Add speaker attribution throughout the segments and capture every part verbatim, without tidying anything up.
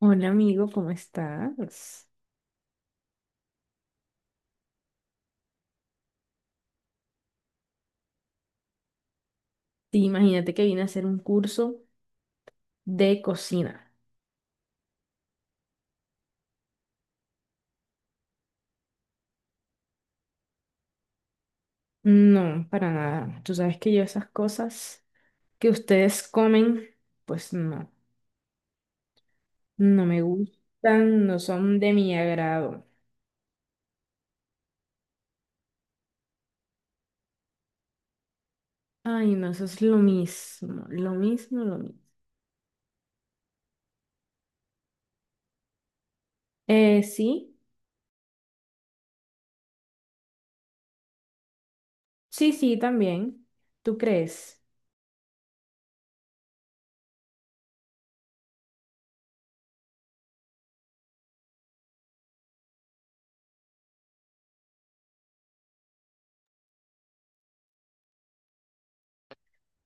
Speaker 1: Hola amigo, ¿cómo estás? Sí, imagínate que vine a hacer un curso de cocina. No, para nada. Tú sabes que yo esas cosas que ustedes comen, pues no, no me gustan, no son de mi agrado. Ay, no, eso es lo mismo, lo mismo, lo mismo. Eh, sí, sí, sí, también. ¿Tú crees?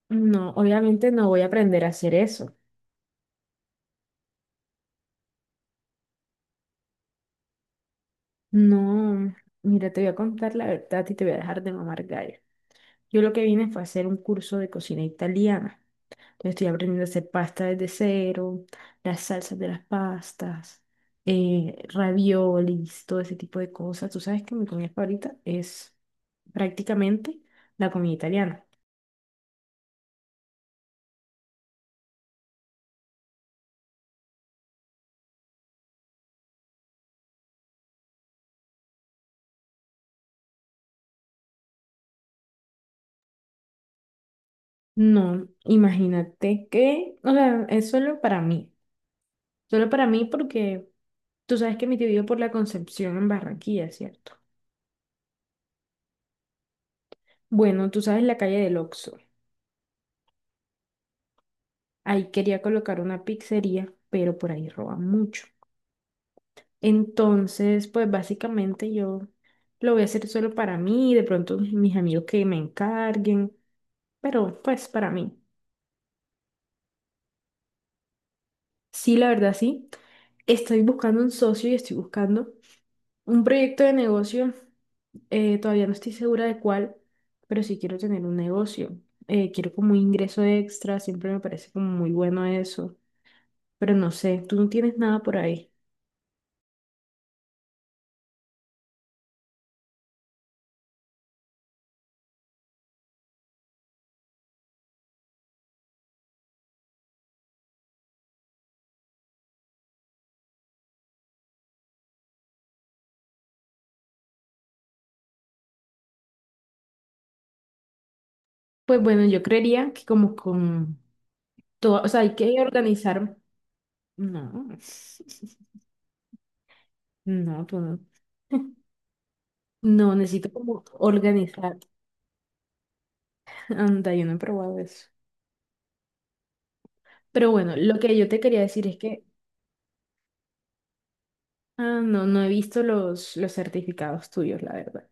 Speaker 1: No, obviamente no voy a aprender a hacer eso. No, mira, te voy a contar la verdad y te voy a dejar de mamar gallo. Yo lo que vine fue a hacer un curso de cocina italiana. Entonces estoy aprendiendo a hacer pasta desde cero, las salsas de las pastas, eh, raviolis, todo ese tipo de cosas. Tú sabes que mi comida favorita es prácticamente la comida italiana. No, imagínate que, o sea, es solo para mí. Solo para mí porque tú sabes que mi tío vive por la Concepción en Barranquilla, ¿cierto? Bueno, tú sabes la calle del Oxxo. Ahí quería colocar una pizzería, pero por ahí roban mucho. Entonces, pues básicamente yo lo voy a hacer solo para mí, de pronto mis amigos que me encarguen, pero pues para mí. Sí, la verdad sí. Estoy buscando un socio y estoy buscando un proyecto de negocio. Eh, todavía no estoy segura de cuál, pero sí quiero tener un negocio. Eh, quiero como un ingreso extra, siempre me parece como muy bueno eso, pero no sé, tú no tienes nada por ahí. Pues bueno, yo creería que como con todo, o sea, hay que organizar. No, no, tú no. No, necesito como organizar. Anda, yo no he probado eso. Pero bueno, lo que yo te quería decir es que, ah, no, no he visto los, los certificados tuyos, la verdad.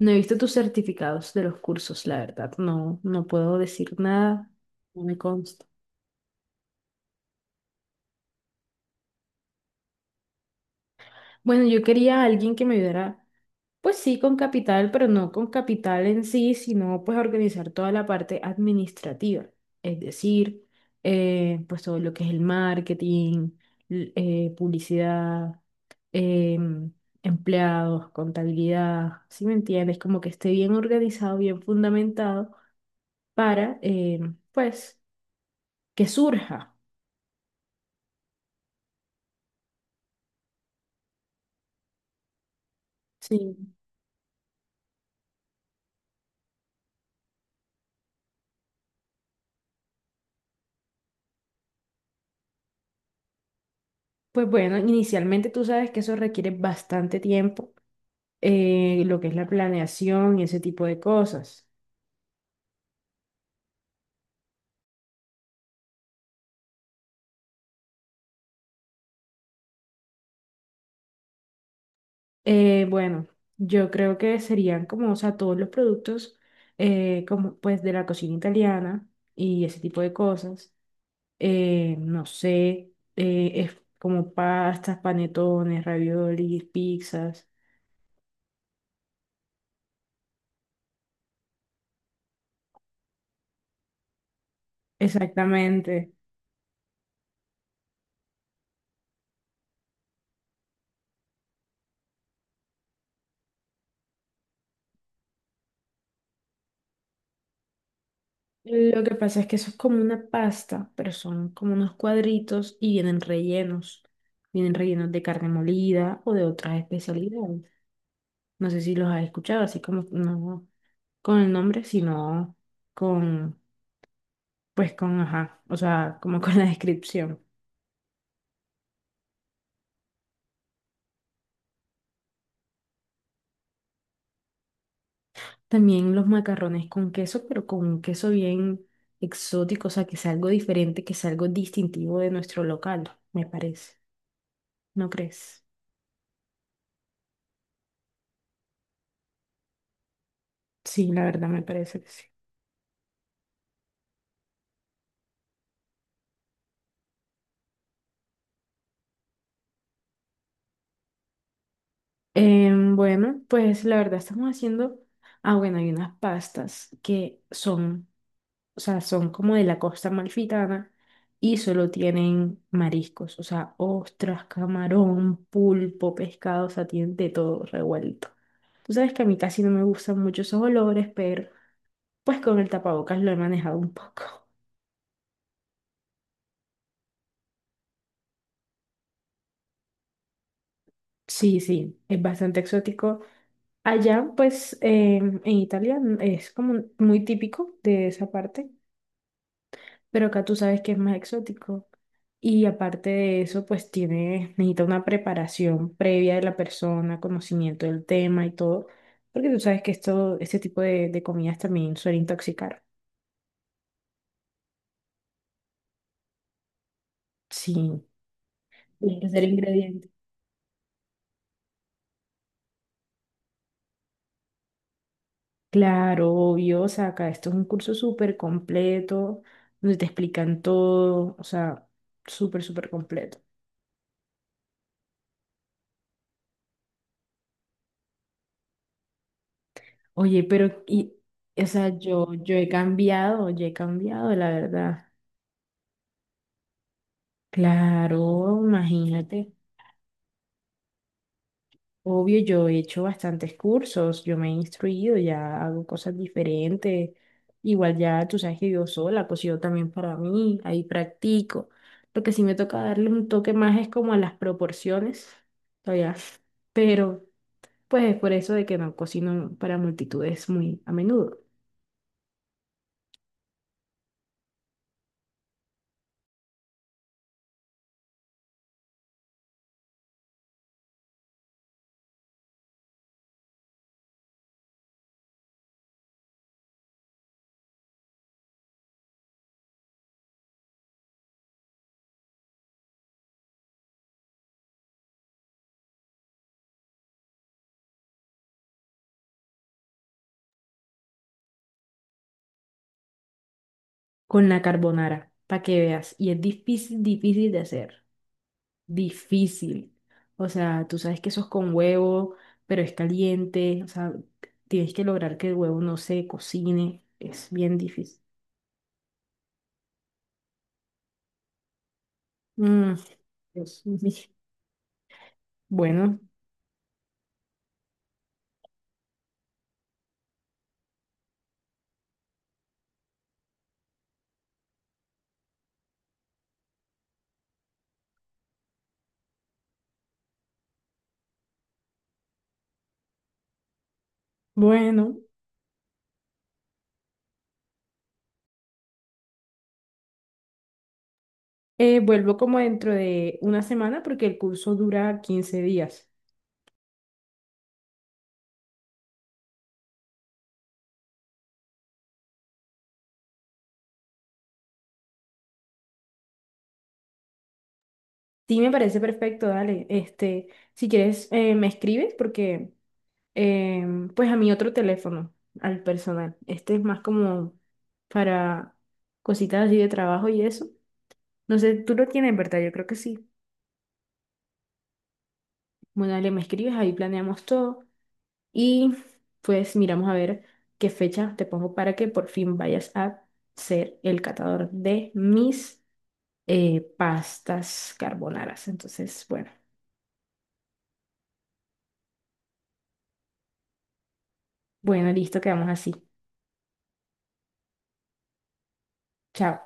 Speaker 1: No he visto tus certificados de los cursos, la verdad. No, no puedo decir nada, no me consta. Bueno, yo quería a alguien que me ayudara. Pues sí, con capital, pero no con capital en sí, sino pues organizar toda la parte administrativa, es decir, eh, pues todo lo que es el marketing, l- eh, publicidad, em, empleados, contabilidad, ¿si me entiendes? Como que esté bien organizado, bien fundamentado para, em, pues, que surja. Sí. Pues bueno, inicialmente tú sabes que eso requiere bastante tiempo, eh, lo que es la planeación y ese tipo de cosas. Eh, bueno, yo creo que serían como, o sea, todos los productos eh, como pues de la cocina italiana y ese tipo de cosas. Eh, no sé, eh, es como pastas, panetones, raviolis, pizzas. Exactamente. Lo que pasa es que eso es como una pasta, pero son como unos cuadritos y vienen rellenos. Vienen rellenos de carne molida o de otras especialidades. No sé si los has escuchado, así como no con el nombre, sino con, pues con, ajá, o sea, como con la descripción. También los macarrones con queso, pero con un queso bien exótico, o sea, que es algo diferente, que es algo distintivo de nuestro local, me parece. ¿No crees? Sí, la verdad me parece que sí. Em, bueno, pues la verdad estamos haciendo, ah, bueno, hay unas pastas que son, o sea, son como de la costa amalfitana y solo tienen mariscos, o sea, ostras, camarón, pulpo, pescado, o sea, tienen de todo revuelto. Tú sabes que a mí casi no me gustan mucho esos olores, pero pues con el tapabocas lo he manejado un poco. Sí, sí, es bastante exótico. Allá, pues, em, en Italia es como muy típico de esa parte. Pero acá tú sabes que es más exótico. Y aparte de eso, pues tiene, necesita una preparación previa de la persona, conocimiento del tema y todo. Porque tú sabes que esto, este tipo de, de comidas también suele intoxicar. Sí. Tiene que ser ingrediente. Claro, obvio, o sea, acá esto es un curso súper completo, donde te explican todo, o sea, súper, súper completo. Oye, pero, y, o sea, yo, yo he cambiado, yo he cambiado, la verdad. Claro, imagínate. Obvio, yo he hecho bastantes cursos, yo me he instruido, ya hago cosas diferentes. Igual ya tú sabes que yo sola, cocino también para mí, ahí practico. Lo que sí me toca darle un toque más es como a las proporciones, todavía. Pero pues es por eso de que no cocino para multitudes muy a menudo. Con la carbonara, para que veas. Y es difícil, difícil de hacer. Difícil. O sea, tú sabes que eso es con huevo, pero es caliente. O sea, tienes que lograr que el huevo no se cocine. Es bien difícil. Mm, Dios mío. Bueno, bueno. Eh, vuelvo como dentro de una semana porque el curso dura quince días. Sí, me parece perfecto, dale. Este, si quieres, eh, me escribes porque, em, pues a mi otro teléfono, al personal. Este es más como para cositas así de trabajo y eso. No sé, tú lo tienes, ¿verdad? Yo creo que sí. Bueno, dale, me escribes, ahí planeamos todo y pues miramos a ver qué fecha te pongo para que por fin vayas a ser el catador de mis eh, pastas carbonaras. Entonces, bueno, bueno, listo, quedamos así. Chao.